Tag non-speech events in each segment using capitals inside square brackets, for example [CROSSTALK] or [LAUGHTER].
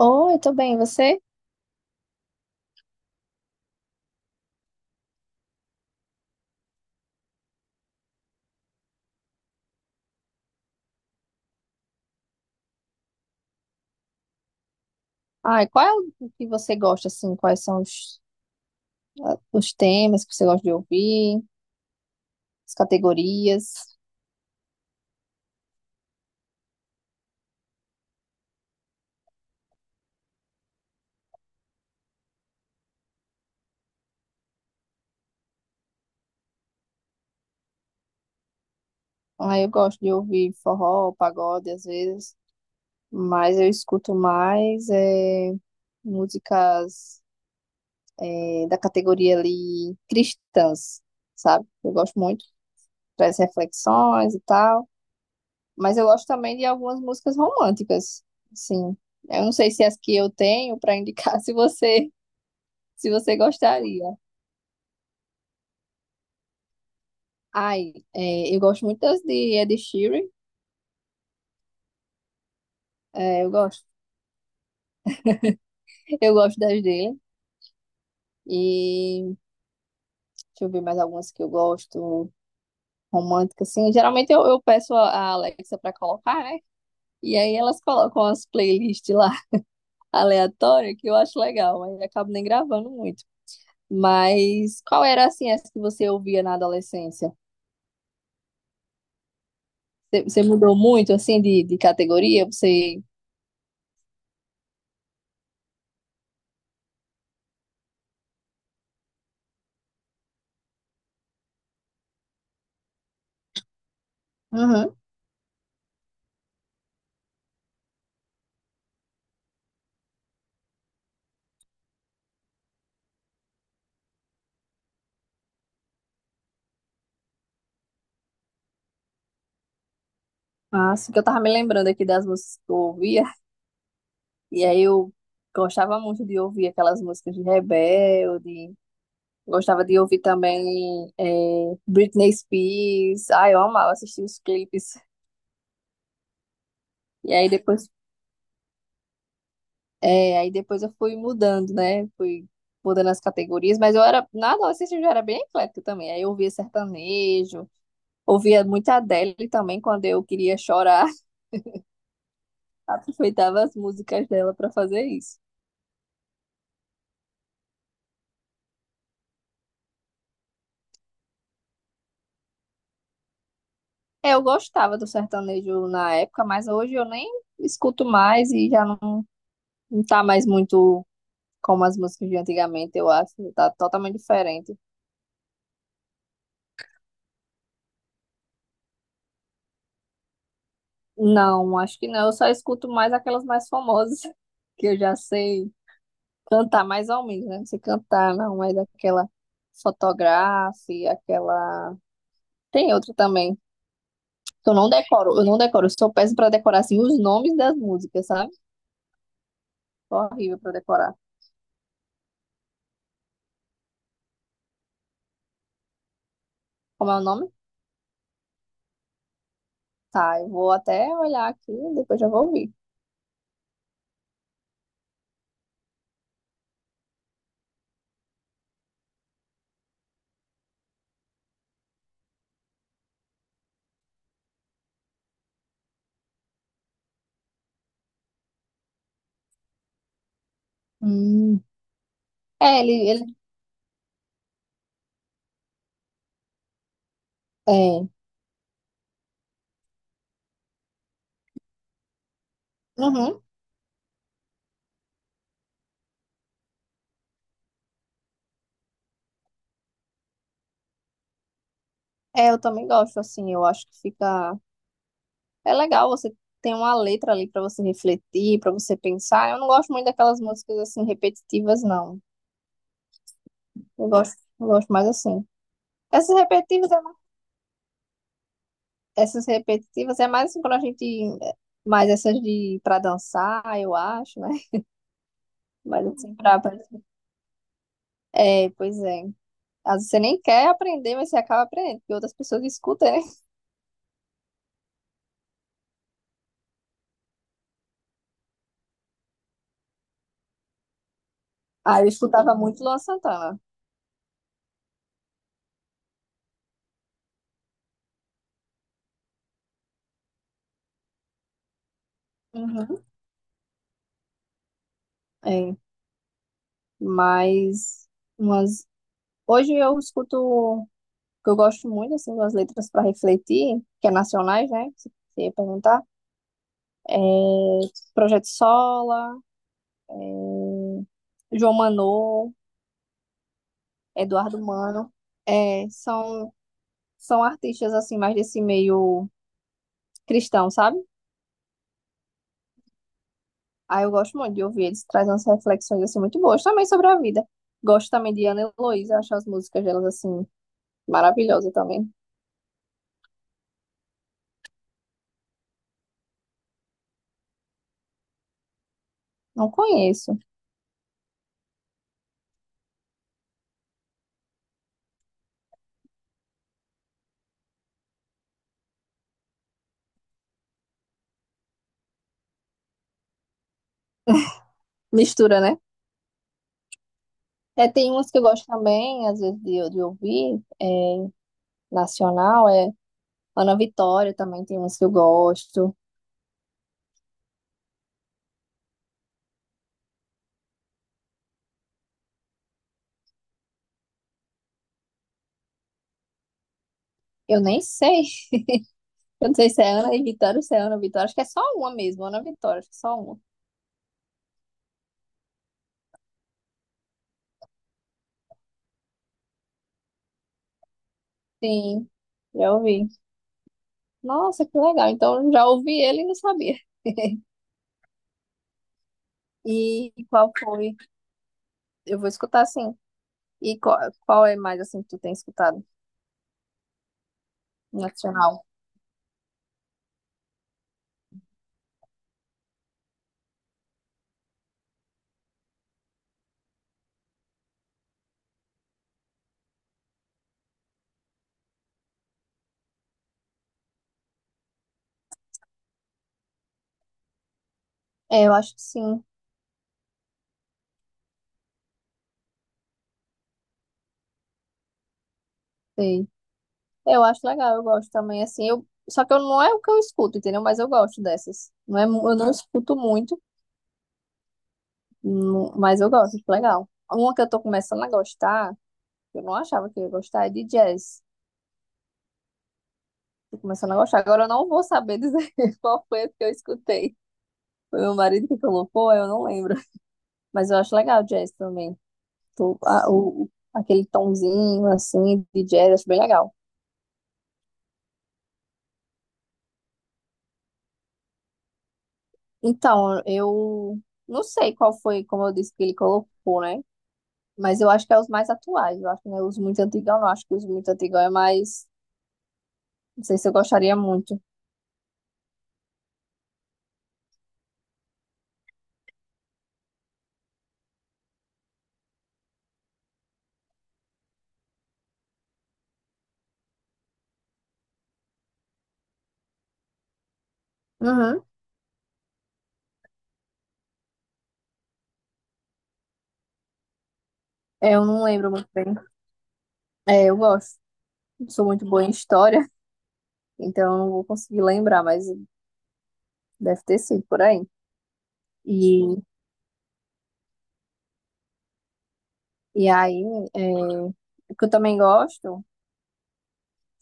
Oi, tudo bem, e você? Ai, qual é o que você gosta, assim? Quais são os temas que você gosta de ouvir, as categorias? Ai, eu gosto de ouvir forró, pagode, às vezes, mas eu escuto mais músicas da categoria ali cristãs, sabe? Eu gosto muito das reflexões e tal, mas eu gosto também de algumas músicas românticas, assim. Eu não sei se as que eu tenho para indicar, [LAUGHS] se você gostaria. Ai, é, eu gosto muito das de Ed Sheeran. É, eu gosto. Eu gosto das dele. E deixa eu ver mais algumas que eu gosto. Romântica, assim. Geralmente eu peço a Alexa pra colocar, né? E aí elas colocam as playlists lá [LAUGHS] aleatórias que eu acho legal. Aí eu acabo nem gravando muito. Mas qual era, assim, essa que você ouvia na adolescência? Você mudou muito, assim, de categoria? Você. Uhum. Ah, assim que eu tava me lembrando aqui das músicas que eu ouvia. E aí eu gostava muito de ouvir aquelas músicas de Rebelde, gostava de ouvir também Britney Spears. Ai, eu amava assistir os clipes. E aí depois, aí depois eu fui mudando, né? Fui mudando as categorias, mas eu era, na adolescência eu já era bem eclética também. Aí eu ouvia sertanejo, ouvia muita Adele também quando eu queria chorar, [LAUGHS] aproveitava as músicas dela para fazer isso. É, eu gostava do sertanejo na época, mas hoje eu nem escuto mais e já não. Não tá mais muito como as músicas de antigamente, eu acho. Tá totalmente diferente. Não, acho que não. Eu só escuto mais aquelas mais famosas, [LAUGHS] que eu já sei cantar mais ou menos, né? Não sei cantar, não, mas aquela fotografe, aquela. Tem outra também. Eu não decoro. Eu sou péssima pra decorar, assim, os nomes das músicas, sabe? Tô horrível pra decorar. Como é o nome? Tá, eu vou até olhar aqui, depois já vou ouvir. Hum. É, ele, é. Uhum. É, eu também gosto, assim, eu acho que fica. É legal, você tem uma letra ali pra você refletir, pra você pensar. Eu não gosto muito daquelas músicas, assim, repetitivas, não. Eu gosto mais assim. Essas repetitivas, é mais... essas repetitivas é mais assim, quando a gente. é, Mais essas de pra dançar, eu acho, né? [LAUGHS] Mas assim, É, pois é. Às vezes você nem quer aprender, mas você acaba aprendendo, porque outras pessoas escutam, né? Ah, eu escutava muito Luan Santana. Uhum. É, mas. Umas. Hoje eu escuto, o que eu gosto muito, assim, das letras para refletir, que é nacionais, né? Se você perguntar. É Projeto Sola, é João Manô, Eduardo Mano. É, são artistas, assim, mais desse meio cristão, sabe? Aí eu gosto muito de ouvir eles, trazem umas reflexões, assim, muito boas também sobre a vida. Gosto também de Ana Heloísa, acho as músicas delas, assim, maravilhosas também. Não conheço. Mistura, né? É, tem umas que eu gosto também, às vezes, de ouvir, é, nacional, é Ana Vitória também tem umas que eu gosto. Eu nem sei, [LAUGHS] eu não sei se é Ana e Vitória ou se é Ana Vitória, acho que é só uma mesmo, Ana Vitória, acho que é só uma. Sim, já ouvi. Nossa, que legal, então eu já ouvi ele e não sabia. E qual foi? Eu vou escutar sim. E qual é mais, assim, que tu tem escutado, nacional? É, eu acho que sim, sei. Eu acho legal, eu gosto também, assim, eu... Só que eu, não é o que eu escuto, entendeu? Mas eu gosto dessas. Não é, mu- eu não escuto muito, mu- mas eu gosto, acho legal. Uma que eu tô começando a gostar, que eu não achava que eu ia gostar, é de jazz. Tô começando a gostar. Agora eu não vou saber dizer [LAUGHS] qual foi a que eu escutei. Foi meu marido que colocou, eu não lembro. Mas eu acho legal jazz também. Tô, a- o, aquele tomzinho, assim, de jazz, acho bem legal. Então, eu não sei qual foi, como eu disse, que ele colocou, né? Mas eu acho que é os mais atuais. Eu acho que não é os muito antigos, não. acho que os muito antigos é mais. Não sei se eu gostaria muito. Uhum. É, eu não lembro muito bem. É, eu gosto. Não sou muito boa em história, [LAUGHS] então eu não vou conseguir lembrar, mas deve ter sido por aí. E, e aí, é, o que eu também gosto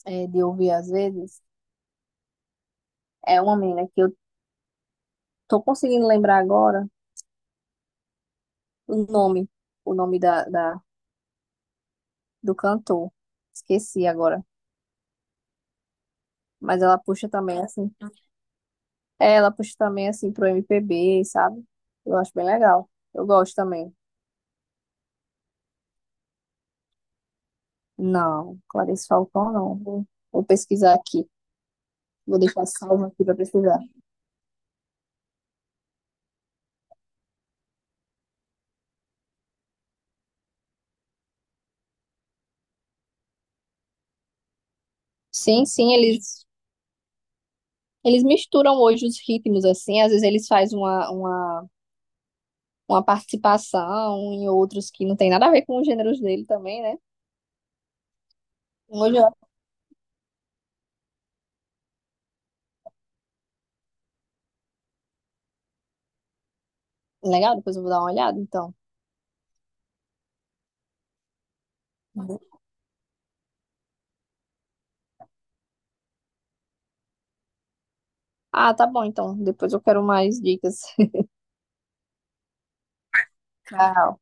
de ouvir às vezes é uma menina que eu tô conseguindo lembrar agora o nome, o nome do cantor. Esqueci agora. Mas ela puxa também, assim. É, ela puxa também, assim, pro MPB, sabe? Eu acho bem legal. Eu gosto também. Não, Clarice Falcão não. Vou, vou pesquisar aqui. Vou deixar salvo aqui pra pesquisar. Sim, sim, eles misturam hoje os ritmos, assim. Às vezes eles fazem uma participação em outros que não tem nada a ver com os gêneros dele também, né? Um Hoje eu... Legal, depois eu vou dar uma olhada, então. Ah, tá bom, então. Depois eu quero mais dicas. [LAUGHS] Tchau.